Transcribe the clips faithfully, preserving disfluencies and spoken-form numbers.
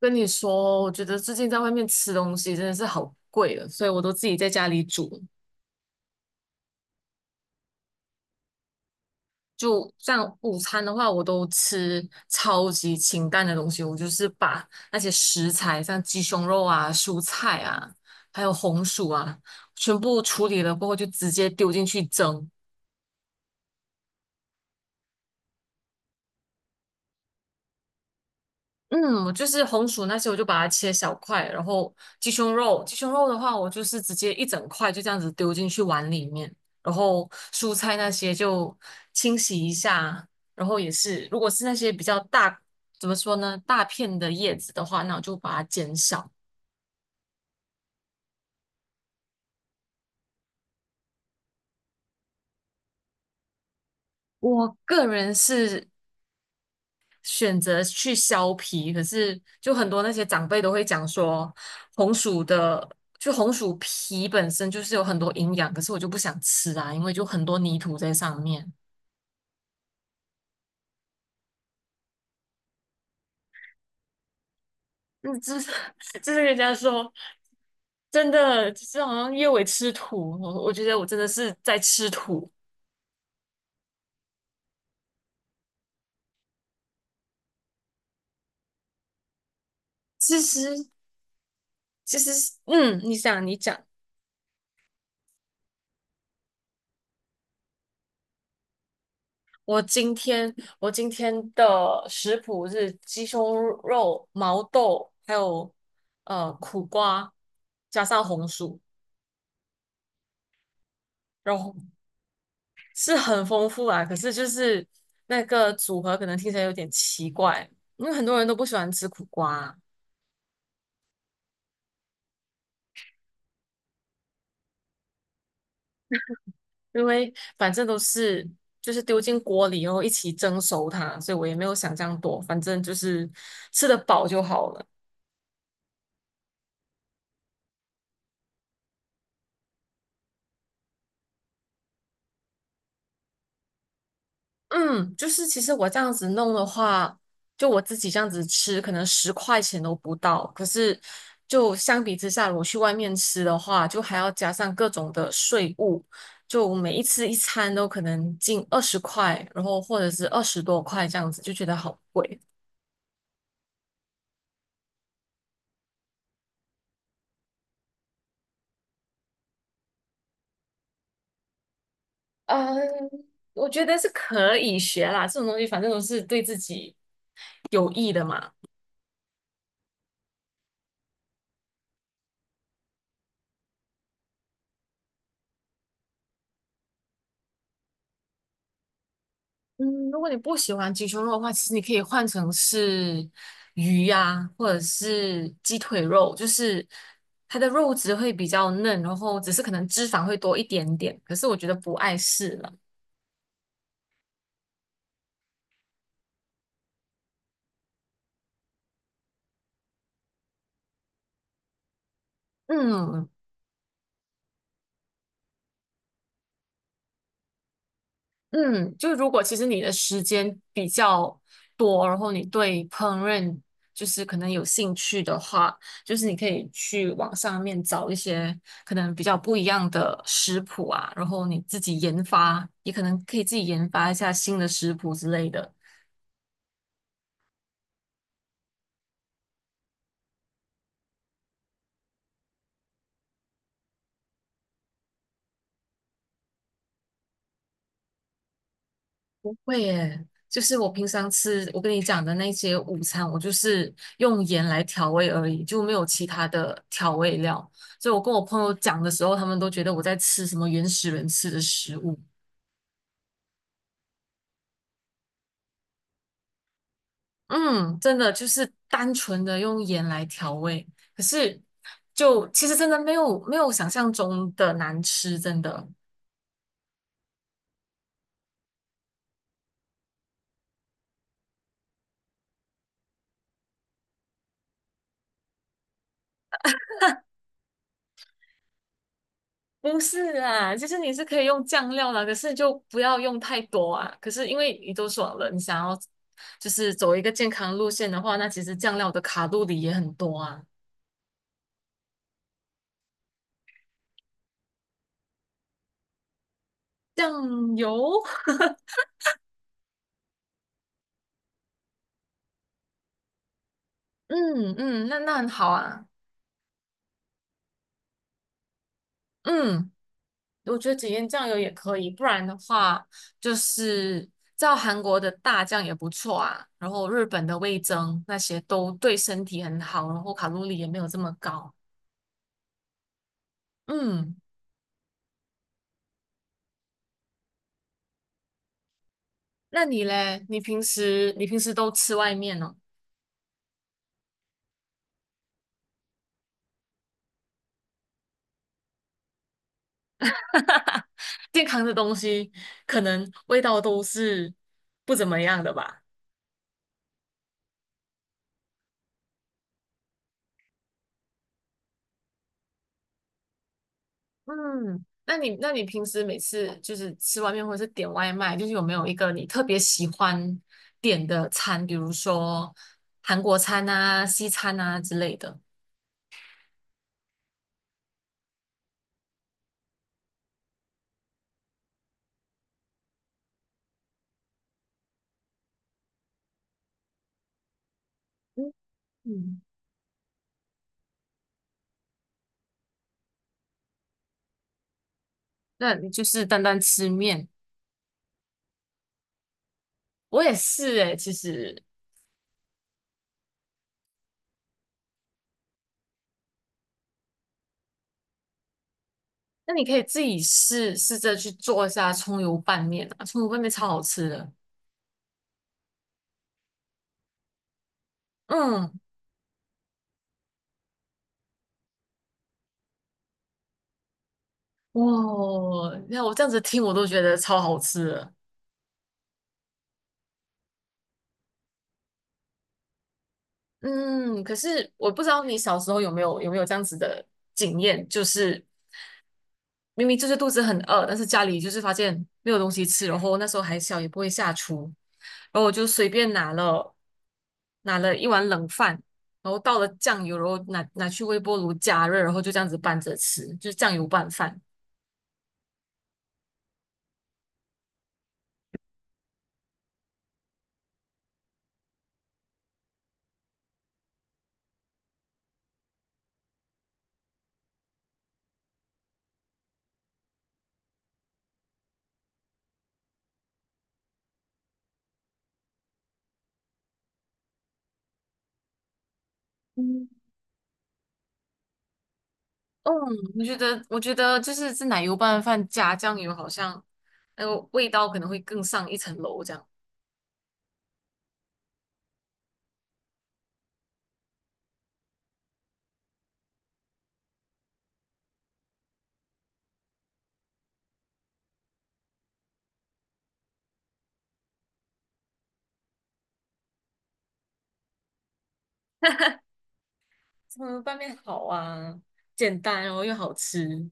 跟你说，我觉得最近在外面吃东西真的是好贵了，所以我都自己在家里煮。就像午餐的话，我都吃超级清淡的东西，我就是把那些食材，像鸡胸肉啊、蔬菜啊，还有红薯啊，全部处理了过后就直接丢进去蒸。嗯，我就是红薯那些，我就把它切小块，然后鸡胸肉，鸡胸肉的话，我就是直接一整块就这样子丢进去碗里面，然后蔬菜那些就清洗一下，然后也是，如果是那些比较大，怎么说呢，大片的叶子的话，那我就把它减少。我个人是选择去削皮，可是就很多那些长辈都会讲说，红薯的就红薯皮本身就是有很多营养，可是我就不想吃啊，因为就很多泥土在上面。嗯，就是就是人家说真的，就是好像叶伟吃土，我我觉得我真的是在吃土。其实其实，嗯，你想你讲。我今天我今天的食谱是鸡胸肉、毛豆，还有呃苦瓜，加上红薯，然后是很丰富啊。可是就是那个组合可能听起来有点奇怪，因为很多人都不喜欢吃苦瓜，因为反正都是就是丢进锅里然后一起蒸熟它，所以我也没有想这样多，反正就是吃得饱就好了。嗯，就是其实我这样子弄的话，就我自己这样子吃，可能十块钱都不到。可是就相比之下，我去外面吃的话，就还要加上各种的税务，就每一次一餐都可能近二十块，然后或者是二十多块这样子，就觉得好贵。嗯，我觉得是可以学啦，这种东西反正都是对自己有益的嘛。嗯，如果你不喜欢鸡胸肉的话，其实你可以换成是鱼呀、或者是鸡腿肉，就是它的肉质会比较嫩，然后只是可能脂肪会多一点点，可是我觉得不碍事了。嗯，嗯，就是如果其实你的时间比较多，然后你对烹饪就是可能有兴趣的话，就是你可以去网上面找一些可能比较不一样的食谱啊，然后你自己研发，也可能可以自己研发一下新的食谱之类的。会耶，就是我平常吃我跟你讲的那些午餐，我就是用盐来调味而已，就没有其他的调味料。所以我跟我朋友讲的时候，他们都觉得我在吃什么原始人吃的食物。嗯，真的就是单纯的用盐来调味，可是就其实真的没有没有想象中的难吃，真的。不是啊，其实你是可以用酱料啦，可是就不要用太多啊。可是因为你都说了，你想要就是走一个健康路线的话，那其实酱料的卡路里也很多啊。酱油，嗯嗯，那那很好啊。嗯，我觉得只腌酱油也可以，不然的话就是照韩国的大酱也不错啊，然后日本的味增那些都对身体很好，然后卡路里也没有这么高。嗯。那你嘞？你平时你平时都吃外面哦？健康的东西可能味道都是不怎么样的吧？嗯，那你那你平时每次就是吃外面或者是点外卖，就是有没有一个你特别喜欢点的餐，比如说韩国餐啊、西餐啊之类的？嗯，那你就是单单吃面，我也是诶，其实那你可以自己试试着去做一下葱油拌面啊，葱油拌面超好吃的。嗯，哇，你看我这样子听我都觉得超好吃的。嗯，可是我不知道你小时候有没有有没有这样子的经验，就是明明就是肚子很饿，但是家里就是发现没有东西吃，然后那时候还小也不会下厨，然后我就随便拿了拿了一碗冷饭。然后倒了酱油，然后拿拿去微波炉加热，然后就这样子拌着吃，就是酱油拌饭。嗯，我觉得，我觉得就是这奶油拌饭加酱油，好像那个味道可能会更上一层楼这样。这个拌面好啊，简单然后又好吃。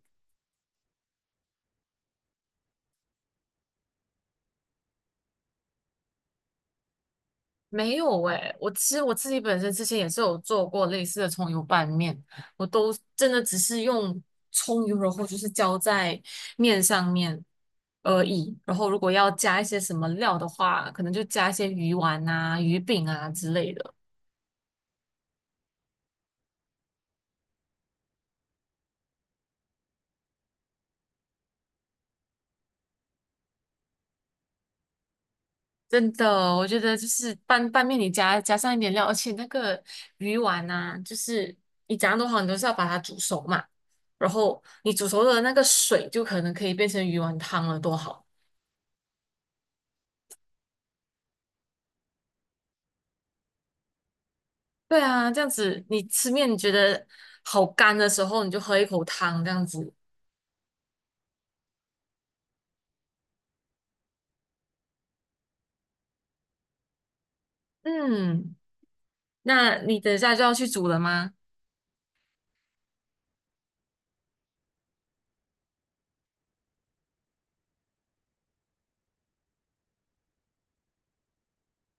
没有诶、我其实我自己本身之前也是有做过类似的葱油拌面，我都真的只是用葱油，然后就是浇在面上面而已。然后如果要加一些什么料的话，可能就加一些鱼丸啊、鱼饼啊之类的。真的，我觉得就是拌拌面，你加加上一点料，而且那个鱼丸呐、就是你怎样都好，你都是要把它煮熟嘛。然后你煮熟的那个水，就可能可以变成鱼丸汤了，多好！对啊，这样子你吃面你觉得好干的时候，你就喝一口汤这样子。嗯，那你等一下就要去煮了吗？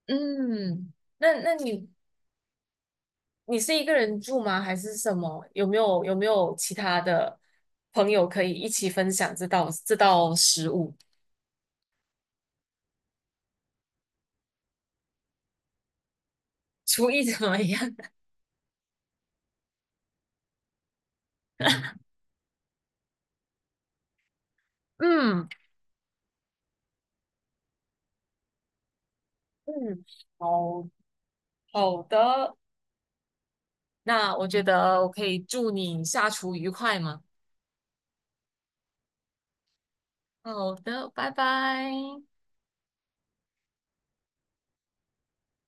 嗯，那那你你是一个人住吗？还是什么？有没有有没有其他的朋友可以一起分享这道这道食物？厨艺怎么样？嗯嗯，好好的，那我觉得我可以祝你下厨愉快嘛。好的，拜拜。